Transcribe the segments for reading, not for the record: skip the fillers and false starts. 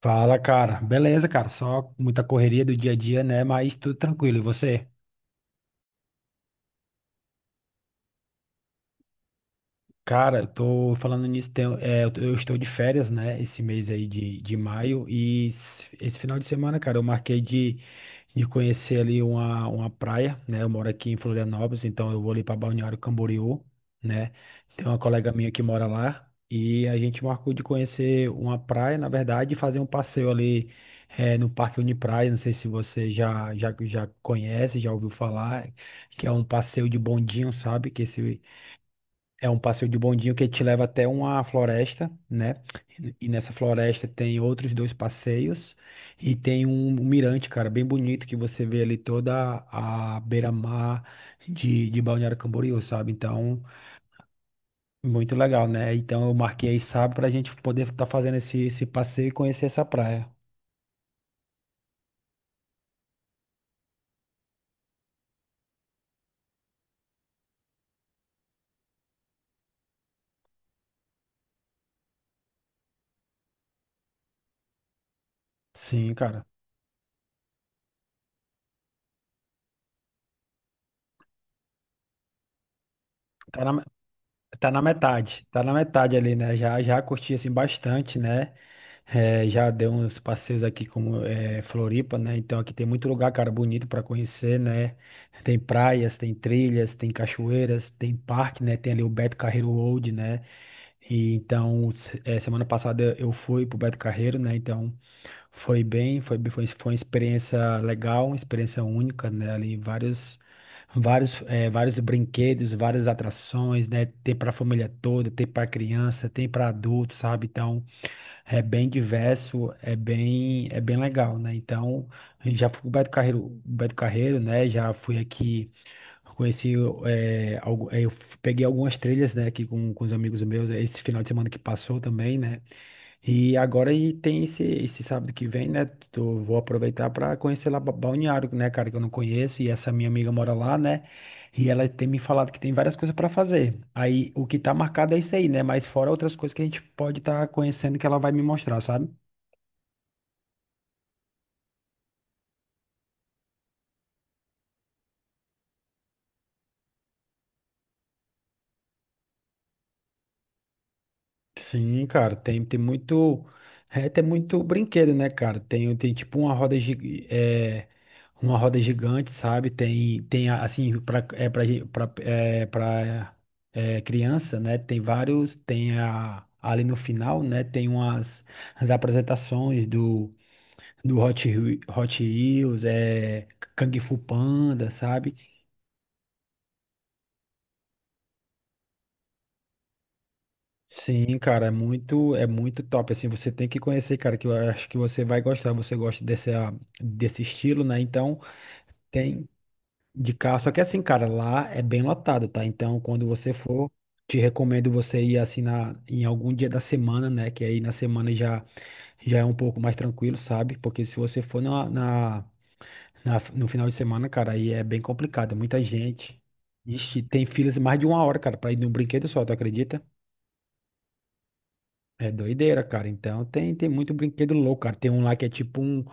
Fala, cara. Beleza, cara. Só muita correria do dia a dia, né? Mas tudo tranquilo. E você? Cara, eu tô falando nisso, eu estou de férias, né, esse mês aí de maio, e esse final de semana, cara, eu marquei de conhecer ali uma praia, né, eu moro aqui em Florianópolis, então eu vou ali pra Balneário Camboriú, né, tem uma colega minha que mora lá, e a gente marcou de conhecer uma praia, na verdade, e fazer um passeio ali no Parque Unipraia, não sei se você já conhece, já ouviu falar, que é um passeio de bondinho, sabe? É um passeio de bondinho que te leva até uma floresta, né? E nessa floresta tem outros dois passeios e tem um mirante, cara, bem bonito que você vê ali toda a beira-mar de Balneário Camboriú, sabe? Então, muito legal, né? Então eu marquei sábado pra gente poder estar fazendo esse passeio e conhecer essa praia. Sim, cara. Tá na, tá na metade ali, né? Já curti assim bastante, né? É, já dei uns passeios aqui como é, Floripa, né? Então aqui tem muito lugar, cara, bonito para conhecer, né? Tem praias, tem trilhas, tem cachoeiras, tem parque, né? Tem ali o Beto Carreiro World, né? E então semana passada eu fui pro Beto Carreiro, né? Então foi uma experiência legal, uma experiência única, né? Ali vários brinquedos, várias atrações, né? Tem para a família toda, tem para criança, tem para adulto, sabe? Então é bem diverso, é bem legal, né? Então, já fui com o Beto Carreiro, né? Já fui aqui, conheci, eu peguei algumas trilhas, né? Aqui com os amigos meus, esse final de semana que passou também, né? E agora e tem esse sábado que vem, né? Vou aproveitar para conhecer lá Balneário, né, cara, que eu não conheço, e essa minha amiga mora lá, né? E ela tem me falado que tem várias coisas para fazer. Aí o que tá marcado é isso aí, né? Mas fora outras coisas que a gente pode estar conhecendo que ela vai me mostrar, sabe? Sim, cara, tem muito brinquedo, né, cara? Tem tipo uma roda gigante, sabe? Tem, tem assim, pra, é, pra, gen- pra é, criança, né? Tem vários, tem a, ali no final, né? Tem umas as apresentações do Hot Wheels, é, Kung Fu Panda, sabe? Sim, cara, é muito top, assim, você tem que conhecer, cara, que eu acho que você vai gostar, você gosta desse estilo, né, então tem de carro, só que assim, cara, lá é bem lotado, tá, então quando você for, te recomendo você ir, assim, em algum dia da semana, né, que aí na semana já, já é um pouco mais tranquilo, sabe, porque se você for no final de semana, cara, aí é bem complicado, é muita gente. Ixi, tem filas mais de uma hora, cara, pra ir num brinquedo só, tu acredita? É doideira, cara. Então tem muito brinquedo louco, cara. Tem um lá que é tipo um.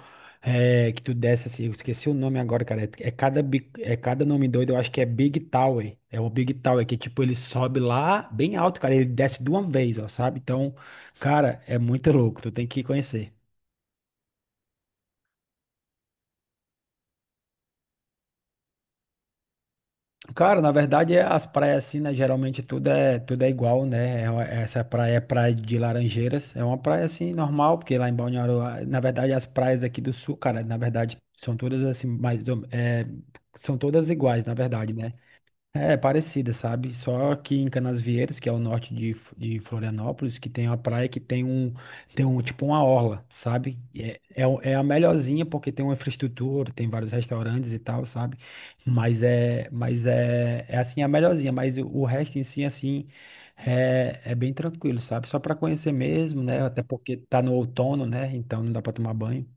Que tu desce assim, eu esqueci o nome agora, cara. É cada nome doido, eu acho que é Big Tower. É o Big Tower, que tipo, ele sobe lá bem alto, cara. Ele desce de uma vez, ó, sabe? Então, cara, é muito louco. Tu tem que conhecer. Cara, na verdade, as praias assim, né? Geralmente tudo é igual, né? Essa praia é praia de Laranjeiras. É uma praia assim, normal, porque lá em Balneário, ah, na verdade, as praias aqui do sul, cara, na verdade, são todas assim, são todas iguais, na verdade, né? É parecida, sabe? Só que em Canasvieiras, que é o norte de Florianópolis, que tem uma praia que tem um tipo uma orla, sabe? É a melhorzinha porque tem uma infraestrutura, tem vários restaurantes e tal, sabe? É assim a melhorzinha, mas o resto em si, assim, é bem tranquilo, sabe? Só para conhecer mesmo, né? Até porque tá no outono, né? Então não dá para tomar banho.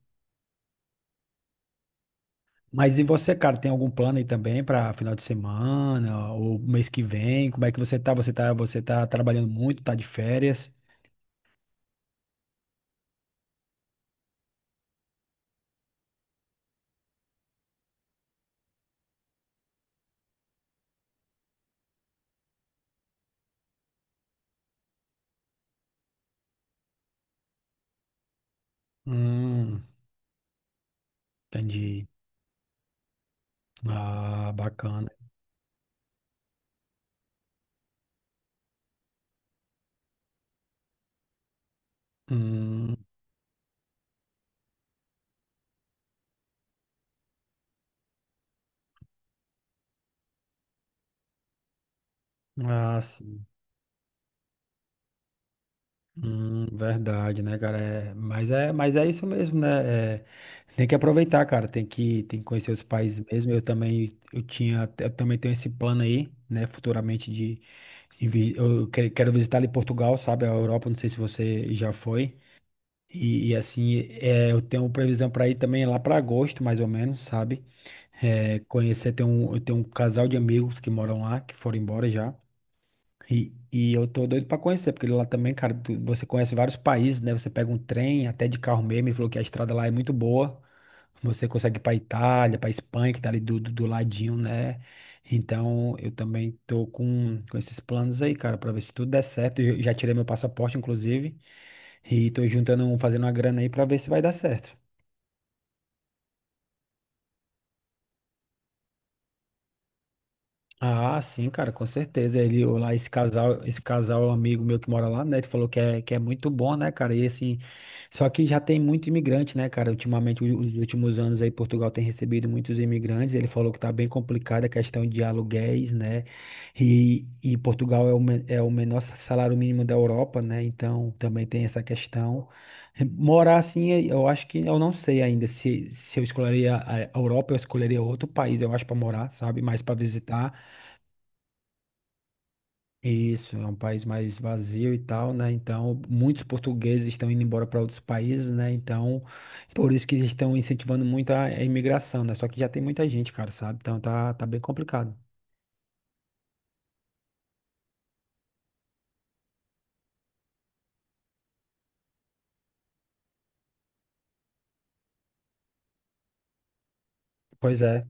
Mas e você, cara, tem algum plano aí também para final de semana ou mês que vem? Como é que você tá? Você tá trabalhando muito, tá de férias? Hum, entendi. Ah, bacana. Hum, ah, sim. Verdade, né, cara? Mas é isso mesmo, né? É, tem que aproveitar, cara. Tem que conhecer os países mesmo. Eu também tenho esse plano aí, né? Futuramente de quero visitar ali Portugal, sabe? A Europa. Não sei se você já foi. Eu tenho previsão para ir também lá para agosto, mais ou menos, sabe? É, conhecer, tem um, eu tenho um casal de amigos que moram lá, que foram embora já. E eu tô doido para conhecer, porque lá também, cara, você conhece vários países, né? Você pega um trem, até de carro mesmo, e falou que a estrada lá é muito boa. Você consegue ir para Itália, para Espanha, que tá ali do ladinho, né? Então, eu também com esses planos aí, cara, para ver se tudo der certo. Eu já tirei meu passaporte, inclusive, e tô juntando, fazendo uma grana aí para ver se vai dar certo. Ah, sim, cara, com certeza. Ele, lá, esse casal, amigo meu que mora lá, né? Ele falou que é muito bom, né, cara? E assim, só que já tem muito imigrante, né, cara? Ultimamente, os últimos anos aí, Portugal tem recebido muitos imigrantes. Ele falou que tá bem complicada a questão de aluguéis, né? E Portugal é é o menor salário mínimo da Europa, né? Então também tem essa questão. Morar assim, é, eu acho que eu não sei ainda se eu escolheria a Europa, eu escolheria outro país, eu acho, para morar, sabe? Mais para visitar. Isso, é um país mais vazio e tal, né? Então, muitos portugueses estão indo embora para outros países, né? Então, por isso que eles estão incentivando muito a imigração, né? Só que já tem muita gente, cara, sabe? Então, tá bem complicado. Pois é.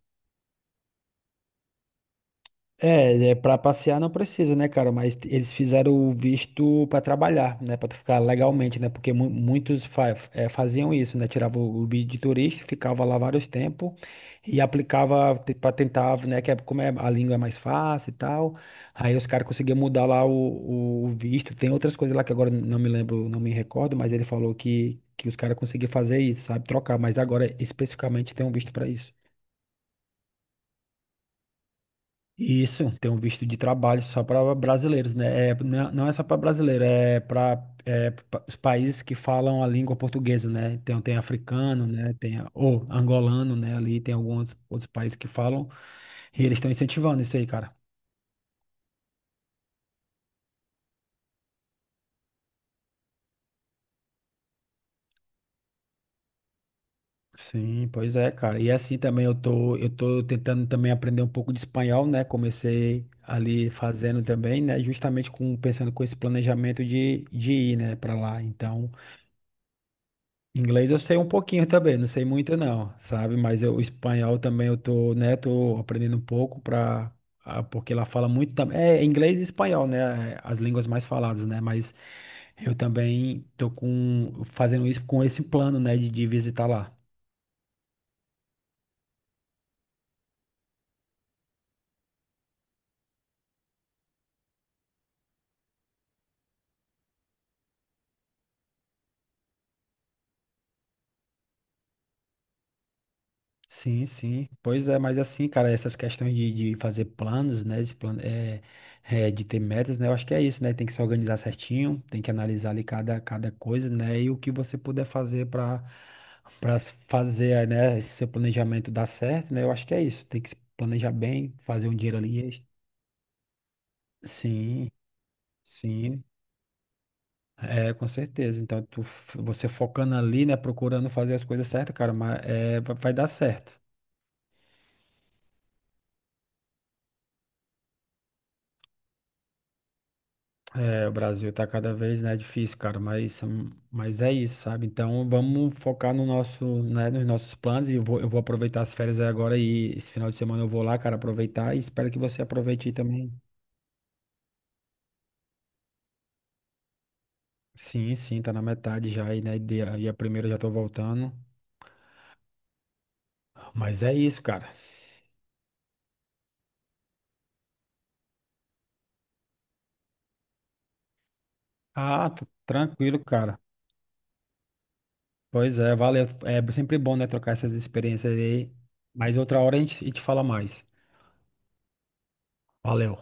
É, é para passear não precisa, né, cara? Mas eles fizeram o visto para trabalhar, né? Para ficar legalmente, né? Porque muitos faziam isso, né? Tirava o visto de turista, ficava lá vários tempos e aplicava para tentar, né? Que é, como é, a língua é mais fácil e tal. Aí os caras conseguiam mudar lá o visto. Tem outras coisas lá que agora não me lembro, não me recordo, mas ele falou que os caras conseguiam fazer isso, sabe? Trocar, mas agora especificamente tem um visto para isso. Isso, tem um visto de trabalho só para brasileiros, né? É, não não é só para brasileiro, é para os países que falam a língua portuguesa, né? Então tem africano, né? Ou angolano, né? Ali tem alguns outros países que falam, e eles estão incentivando isso aí, cara. Sim, pois é, cara. Eu tô tentando também aprender um pouco de espanhol, né? Comecei ali fazendo também, né? Justamente com pensando com esse planejamento de ir, né, para lá. Então inglês eu sei um pouquinho também, não sei muito não, sabe? Mas eu, o espanhol também eu tô, né, tô aprendendo um pouco para porque lá fala muito também. É inglês e espanhol, né? É, as línguas mais faladas, né? Mas eu também tô com fazendo isso com esse plano, né, de visitar lá. Sim, sim. Pois é, mas assim, cara, essas questões de fazer planos, né? De, plan é, é, de ter metas, né? Eu acho que é isso, né? Tem que se organizar certinho, tem que analisar ali cada coisa, né? E o que você puder fazer para fazer, né, esse seu planejamento dar certo, né? Eu acho que é isso. Tem que se planejar bem, fazer um dinheiro ali extra. Sim, sim. É, com certeza. Então, você focando ali, né? Procurando fazer as coisas certas, cara, mas é, vai dar certo. É, o Brasil tá cada vez, né, difícil, cara, mas é isso, sabe? Então vamos focar no nosso, né, nos nossos planos e eu vou aproveitar as férias aí agora e esse final de semana eu vou lá, cara, aproveitar e espero que você aproveite aí também. Sim, sim, tá na metade já aí, né? E a primeira eu já tô voltando. Mas é isso, cara. Ah, tá tranquilo, cara. Pois é, valeu. É sempre bom, né, trocar essas experiências aí. Mas outra hora a gente fala mais. Valeu.